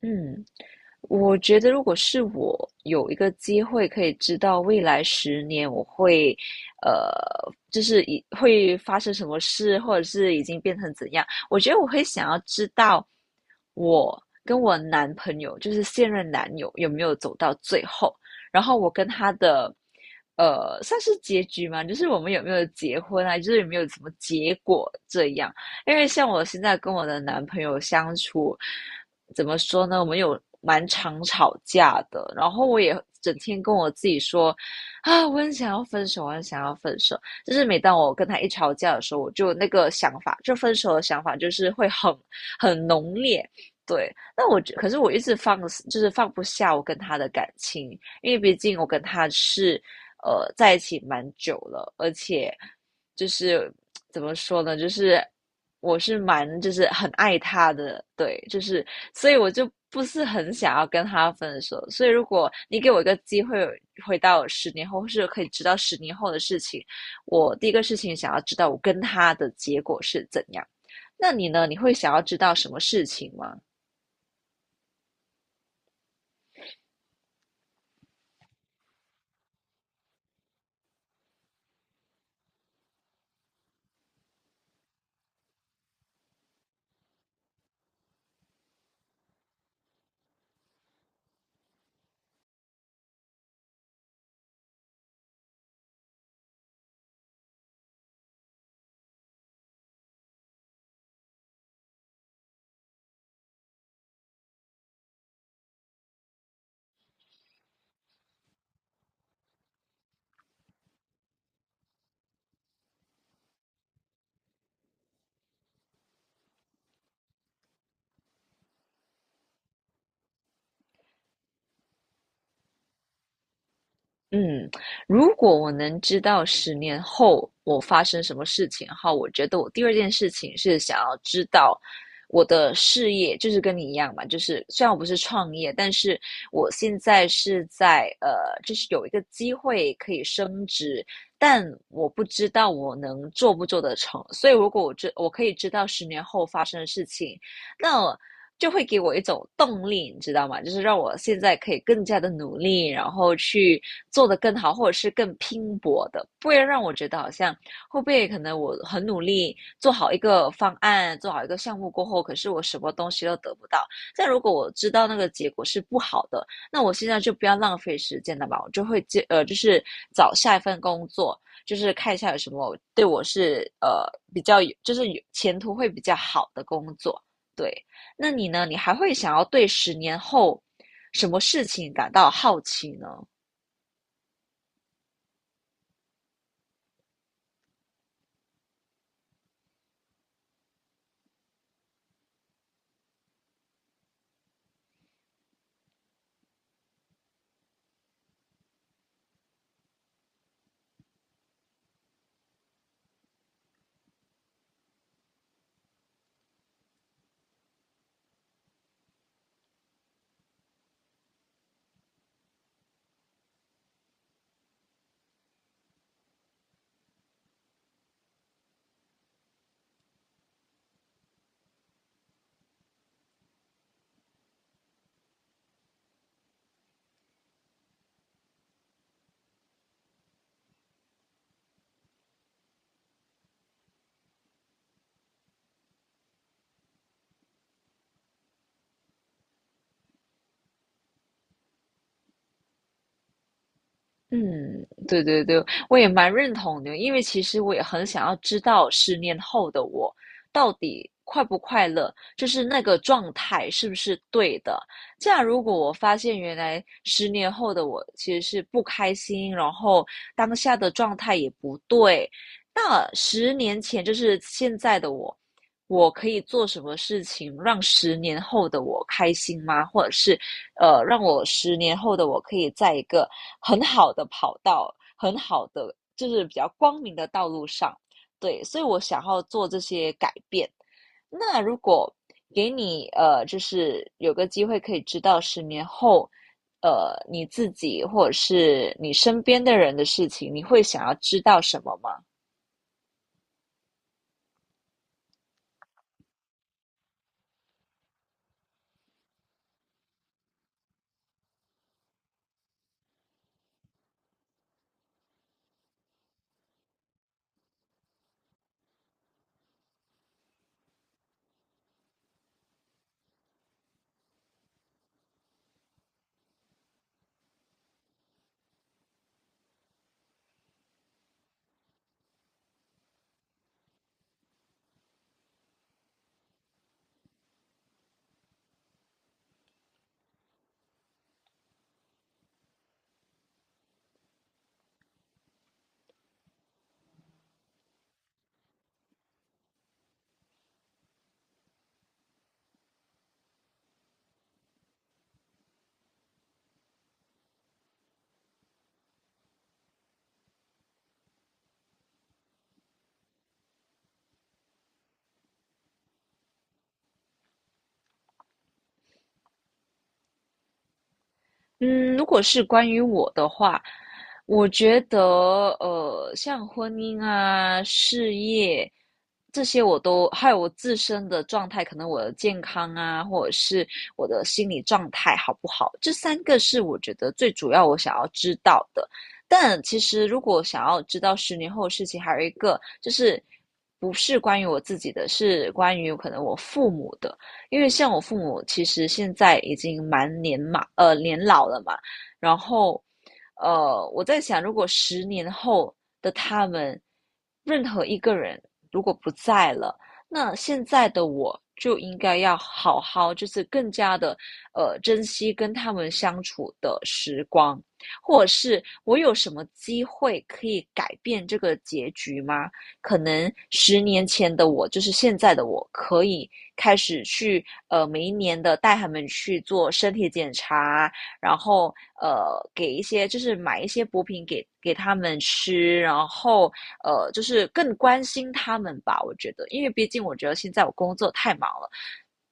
嗯，我觉得如果是我有一个机会可以知道未来十年我会，呃，就是以会发生什么事，或者是已经变成怎样，我觉得我会想要知道我跟我男朋友，就是现任男友有没有走到最后，然后我跟他的，算是结局嘛，就是我们有没有结婚啊，就是有没有什么结果这样，因为像我现在跟我的男朋友相处。怎么说呢？我们有蛮常吵架的，然后我也整天跟我自己说，啊，我很想要分手，我很想要分手。就是每当我跟他一吵架的时候，我就那个想法，就分手的想法，就是会很浓烈。对，那可是我一直放，就是放不下我跟他的感情，因为毕竟我跟他是在一起蛮久了，而且就是怎么说呢？就是我是蛮就是很爱他的，对，就是所以我就不是很想要跟他分手。所以如果你给我一个机会回到十年后，或是可以知道十年后的事情，我第一个事情想要知道我跟他的结果是怎样。那你呢？你会想要知道什么事情吗？嗯，如果我能知道十年后我发生什么事情的话我觉得我第二件事情是想要知道我的事业，就是跟你一样嘛，就是虽然我不是创业，但是我现在是在就是有一个机会可以升职，但我不知道我能做不做得成，所以如果我可以知道十年后发生的事情，那就会给我一种动力，你知道吗？就是让我现在可以更加的努力，然后去做得更好，或者是更拼搏的，不会让我觉得好像会不会可能我很努力做好一个方案，做好一个项目过后，可是我什么东西都得不到。但如果我知道那个结果是不好的，那我现在就不要浪费时间了吧，我就会就是找下一份工作。就是看一下有什么对我是比较有，就是有前途会比较好的工作，对。那你呢？你还会想要对十年后什么事情感到好奇呢？嗯，对对对，我也蛮认同的，因为其实我也很想要知道十年后的我到底快不快乐，就是那个状态是不是对的。这样，如果我发现原来十年后的我其实是不开心，然后当下的状态也不对，那十年前就是现在的我，我可以做什么事情让十年后的我开心吗？或者是让我十年后的我可以在一个很好的跑道、很好的就是比较光明的道路上。对，所以我想要做这些改变。那如果给你就是有个机会可以知道十年后，你自己或者是你身边的人的事情，你会想要知道什么吗？嗯，如果是关于我的话，我觉得像婚姻啊、事业这些，我都还有我自身的状态，可能我的健康啊，或者是我的心理状态好不好，这3个是我觉得最主要我想要知道的。但其实如果想要知道十年后的事情，还有一个就是不是关于我自己的，是关于可能我父母的。因为像我父母其实现在已经蛮年老了嘛然后，我在想，如果十年后的他们，任何一个人如果不在了，那现在的我就应该要好好，就是更加的，珍惜跟他们相处的时光，或者是我有什么机会可以改变这个结局吗？可能十年前的我，就是现在的我，可以开始去每一年的带他们去做身体检查，然后给一些就是买一些补品给他们吃，然后就是更关心他们吧。我觉得，因为毕竟我觉得现在我工作太忙了，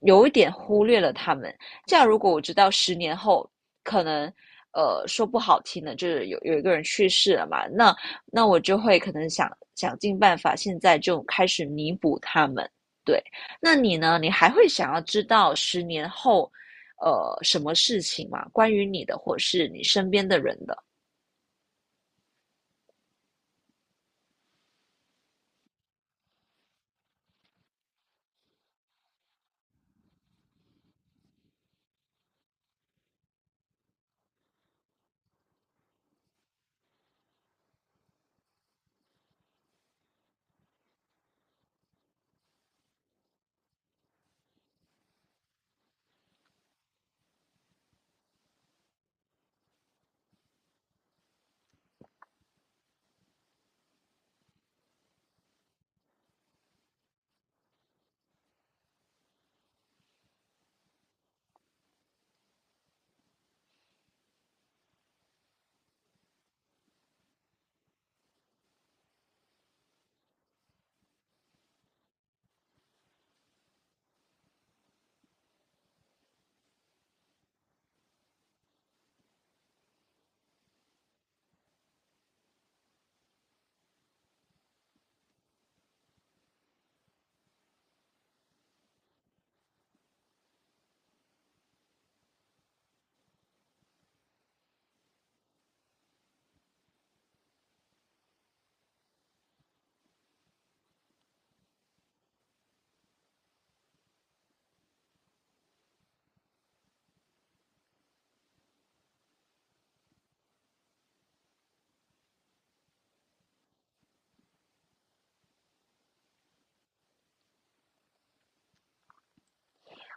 有一点忽略了他们。这样如果我知道十年后可能。说不好听的，就是有一个人去世了嘛，那我就会可能想尽办法，现在就开始弥补他们。对，那你呢？你还会想要知道十年后，什么事情吗？关于你的，或是你身边的人的？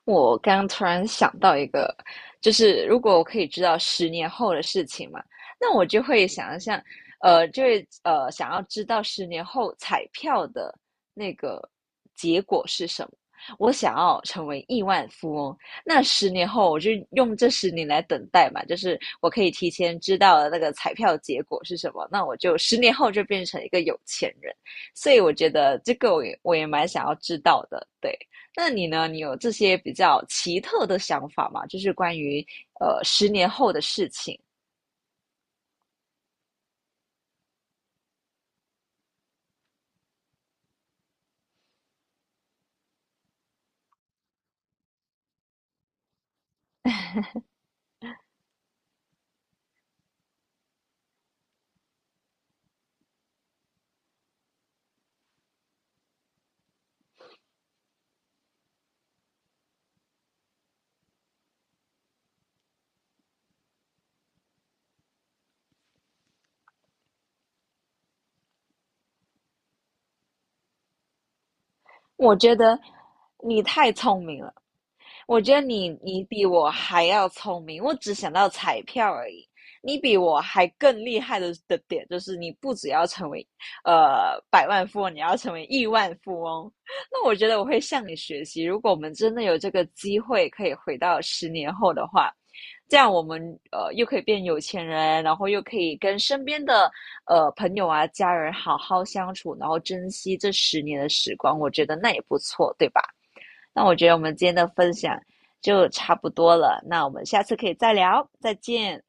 我刚突然想到一个，就是如果我可以知道十年后的事情嘛，那我就会想象，就会想要知道十年后彩票的那个结果是什么。我想要成为亿万富翁，那十年后我就用这十年来等待嘛，就是我可以提前知道那个彩票结果是什么，那我就十年后就变成一个有钱人。所以我觉得这个我也蛮想要知道的，对。那你呢？你有这些比较奇特的想法吗？就是关于十年后的事情。我觉得你太聪明了，我觉得你比我还要聪明，我只想到彩票而已。你比我还更厉害的点就是，你不只要成为百万富翁，你要成为亿万富翁。那我觉得我会向你学习。如果我们真的有这个机会可以回到十年后的话，这样我们又可以变有钱人，然后又可以跟身边的朋友啊、家人好好相处，然后珍惜这十年的时光。我觉得那也不错，对吧？那我觉得我们今天的分享就差不多了，那我们下次可以再聊，再见。